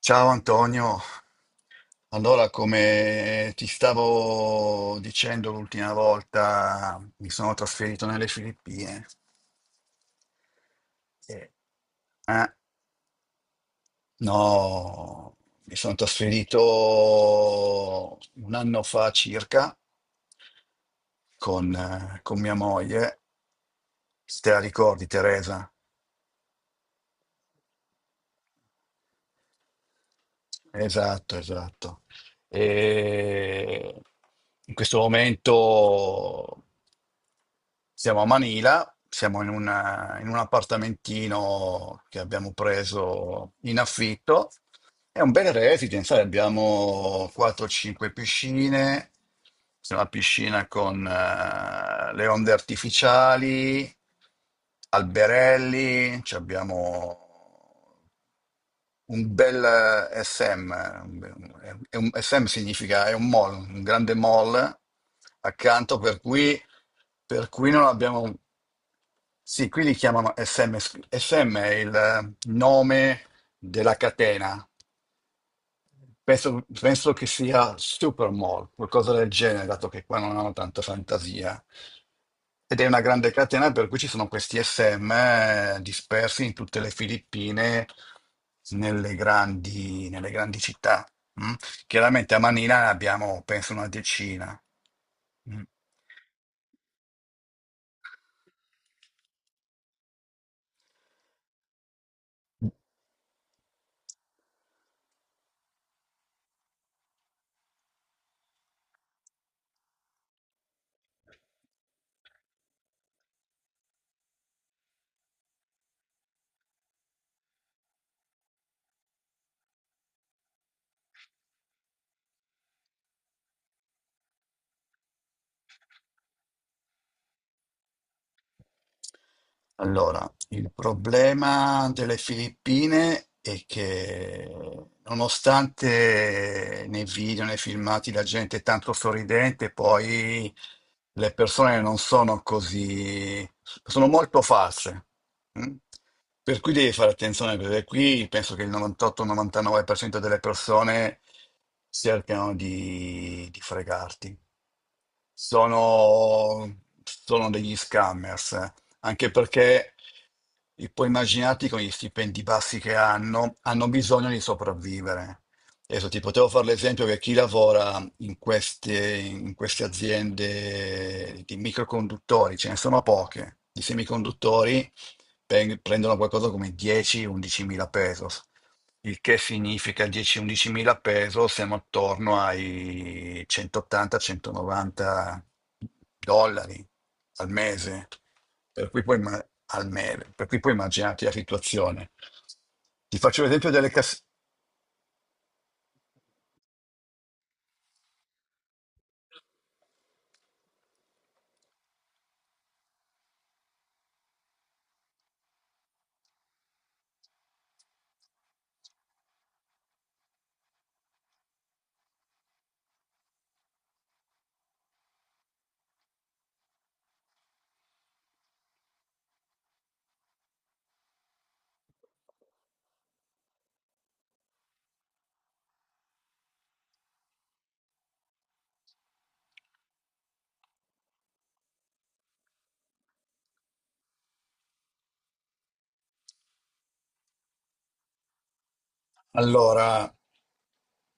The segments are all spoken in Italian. Ciao Antonio, allora come ti stavo dicendo l'ultima volta, mi sono trasferito nelle Filippine. Eh, Ah, no, mi sono trasferito un anno fa circa con mia moglie. Se te la ricordi, Teresa? Esatto, esatto. E in questo momento siamo a Manila, siamo in un appartamentino che abbiamo preso in affitto. È un bel residence, sai, abbiamo 4-5 piscine, c'è una piscina con le onde artificiali, alberelli, ci abbiamo un bel SM, un be- un- è un- SM significa è un mall, un grande mall accanto, per cui non abbiamo. Sì, qui li chiamano SM, SM è il nome della catena. Penso che sia Supermall, qualcosa del genere, dato che qua non hanno tanta fantasia. Ed è una grande catena per cui ci sono questi SM dispersi in tutte le Filippine, nelle grandi città. Mm. Chiaramente a Manila ne abbiamo, penso, una decina. Mm. Allora, il problema delle Filippine è che nonostante nei video, nei filmati la gente è tanto sorridente, poi le persone non sono così, sono molto false. Mm? Per cui devi fare attenzione perché qui penso che il 98-99% delle persone cercano di, fregarti. Sono degli scammers, eh. anche perché e poi immaginati con gli stipendi bassi che hanno, bisogno di sopravvivere. Adesso ti potevo fare l'esempio che chi lavora in queste aziende di microconduttori, ce ne sono poche, di semiconduttori, prendono qualcosa come 10-11 mila pesos, il che significa 10-11 mila pesos, siamo attorno ai 180-190 dollari al mese, per cui puoi, imma- per cui puoi immaginarti la situazione. Ti faccio l'esempio delle casse. Allora,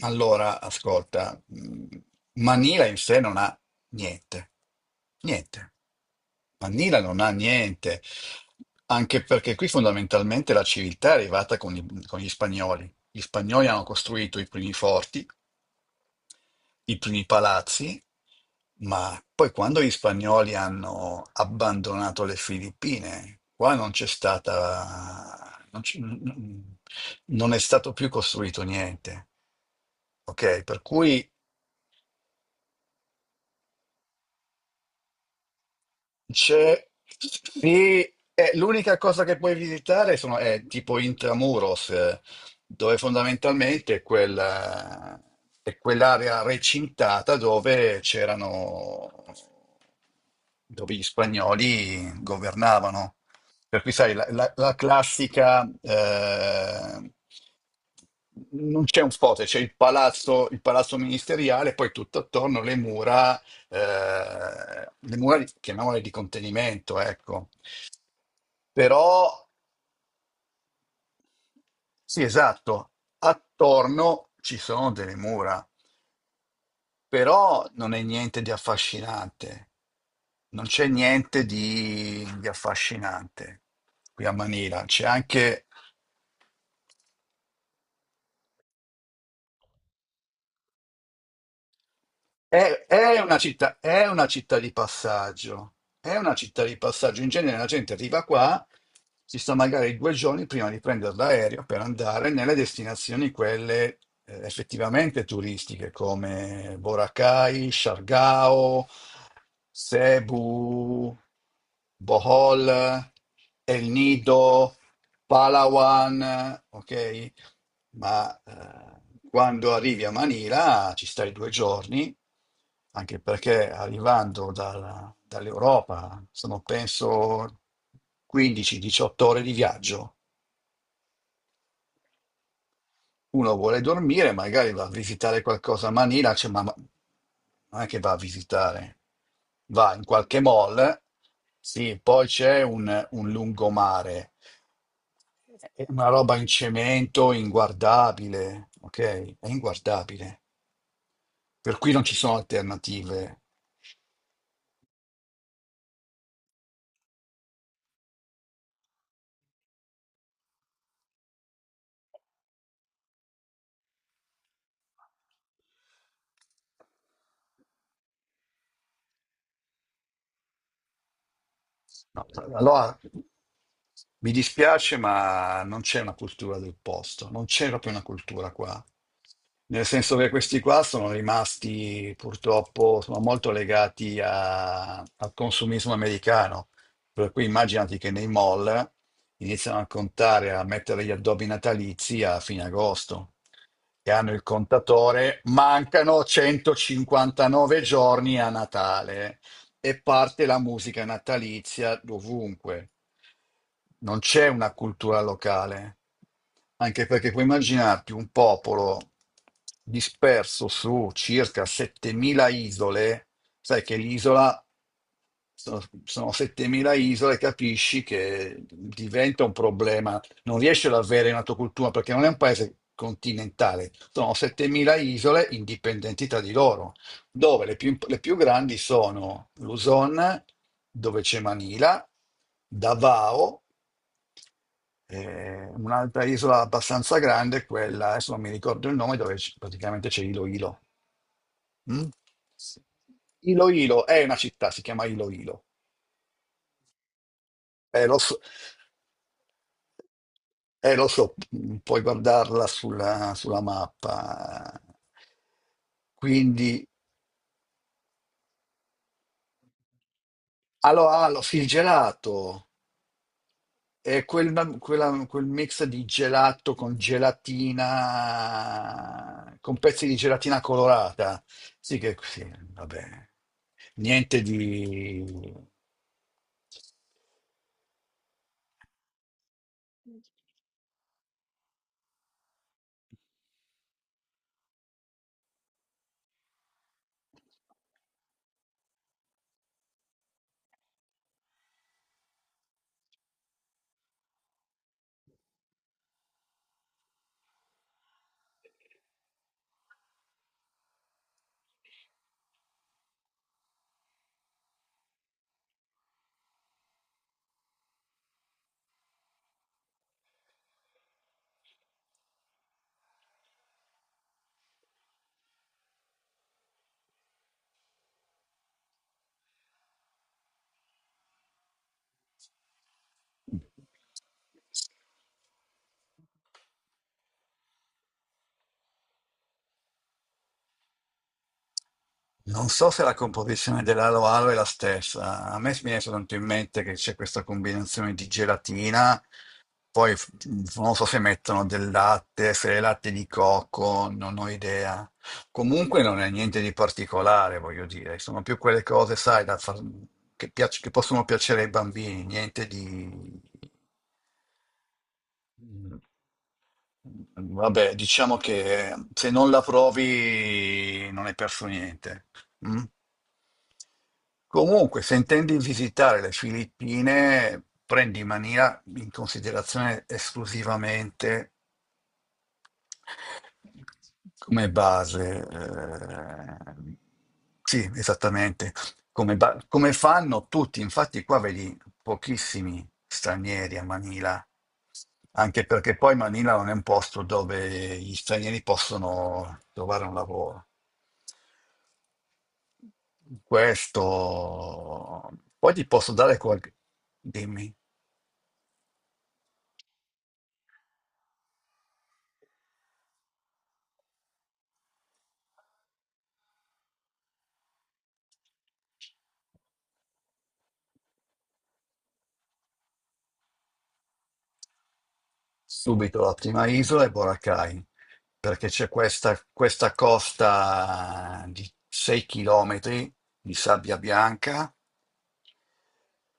allora, ascolta, Manila in sé non ha niente, niente. Manila non ha niente, anche perché qui fondamentalmente la civiltà è arrivata con gli spagnoli. Gli spagnoli hanno costruito i primi forti, i primi palazzi, ma poi quando gli spagnoli hanno abbandonato le Filippine, qua non c'è stata, non, c'è- non è stato più costruito niente. Ok, per cui. C'è, sì, l'unica cosa che puoi visitare sono, è tipo Intramuros, dove fondamentalmente è quell'area recintata dove gli spagnoli governavano. Per cui, sai, la classica, non c'è un forte, c'è il palazzo ministeriale, poi tutto attorno le mura, chiamiamole di contenimento, ecco. Però, sì, esatto, attorno ci sono delle mura. Però non è niente di affascinante, non c'è niente di affascinante qui a Manila, c'è anche. È una città, è una città di passaggio, in genere la gente arriva qua, si sta magari 2 giorni prima di prendere l'aereo per andare nelle destinazioni quelle effettivamente turistiche come Boracay, Siargao, Cebu. Bohol, El Nido, Palawan, ok? Ma quando arrivi a Manila ci stai 2 giorni, anche perché arrivando dall'Europa sono penso 15-18 ore di viaggio. Uno vuole dormire, magari va a visitare qualcosa a Manila, cioè, non è che va a visitare, va in qualche mall, sì, poi c'è un lungomare, è una roba in cemento inguardabile, ok? È inguardabile, per cui non ci sono alternative. No, allora mi dispiace, ma non c'è una cultura del posto, non c'è proprio una cultura qua. Nel senso che questi qua sono rimasti purtroppo, sono molto legati al consumismo americano. Per cui immaginati che nei mall iniziano a contare, a mettere gli addobbi natalizi a fine agosto che hanno il contatore, mancano 159 giorni a Natale e parte la musica natalizia dovunque. Non c'è una cultura locale, anche perché puoi immaginarti un popolo disperso su circa 7.000 isole, sai che l'isola sono, sono 7.000 isole, capisci che diventa un problema. Non riesci ad avere una tua cultura perché non è un paese continentale, sono 7.000 isole indipendenti tra di loro, dove le più grandi sono Luzon, dove c'è Manila, Davao, un'altra isola abbastanza grande, è quella, adesso non mi ricordo il nome, praticamente c'è Iloilo. Mm? Iloilo è una città, si chiama Iloilo. Lo so, lo so, puoi guardarla sulla, sulla mappa. Quindi, allora, ah, sì, il gelato è quel mix di gelato con gelatina, con pezzi di gelatina colorata. Sì, che sì, vabbè, niente di. Non so se la composizione dell'alo alo è la stessa. A me mi viene soltanto in mente che c'è questa combinazione di gelatina, poi non so se mettono del latte, se è latte di cocco, non ho idea. Comunque non è niente di particolare, voglio dire. Sono più quelle cose, sai, da far- che, piac- che possono piacere ai bambini, niente di. Vabbè, diciamo che se non la provi non hai perso niente. Mm? Comunque, se intendi visitare le Filippine, prendi in maniera in considerazione esclusivamente come base, sì, esattamente, come fanno tutti, infatti qua vedi pochissimi stranieri a Manila, anche perché poi Manila non è un posto dove gli stranieri possono trovare un lavoro. Questo, poi ti posso dare qualche. Dimmi. Subito la prima isola è Boracay, perché c'è questa costa di 6 chilometri di sabbia bianca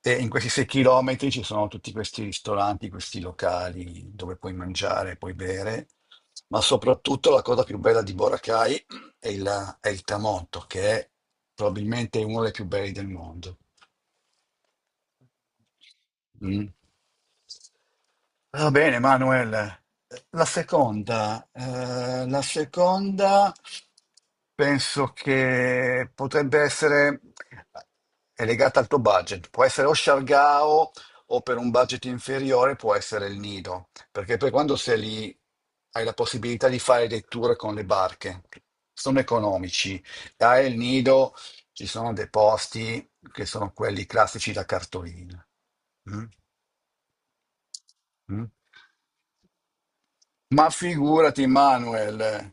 e in questi 6 chilometri ci sono tutti questi ristoranti, questi locali dove puoi mangiare, puoi bere, ma soprattutto la cosa più bella di Boracay è il tramonto, che è probabilmente uno dei più belli del mondo. Mm. Va bene, Manuel. La seconda penso che potrebbe essere è legata al tuo budget. Può essere o Shargao o per un budget inferiore può essere il Nido, perché poi quando sei lì hai la possibilità di fare dei tour con le barche. Sono economici. Dai, il Nido ci sono dei posti che sono quelli classici da cartolina. Mm? Mm? Ma figurati, Manuel.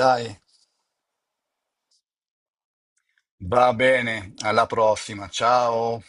Dai, va bene, alla prossima. Ciao.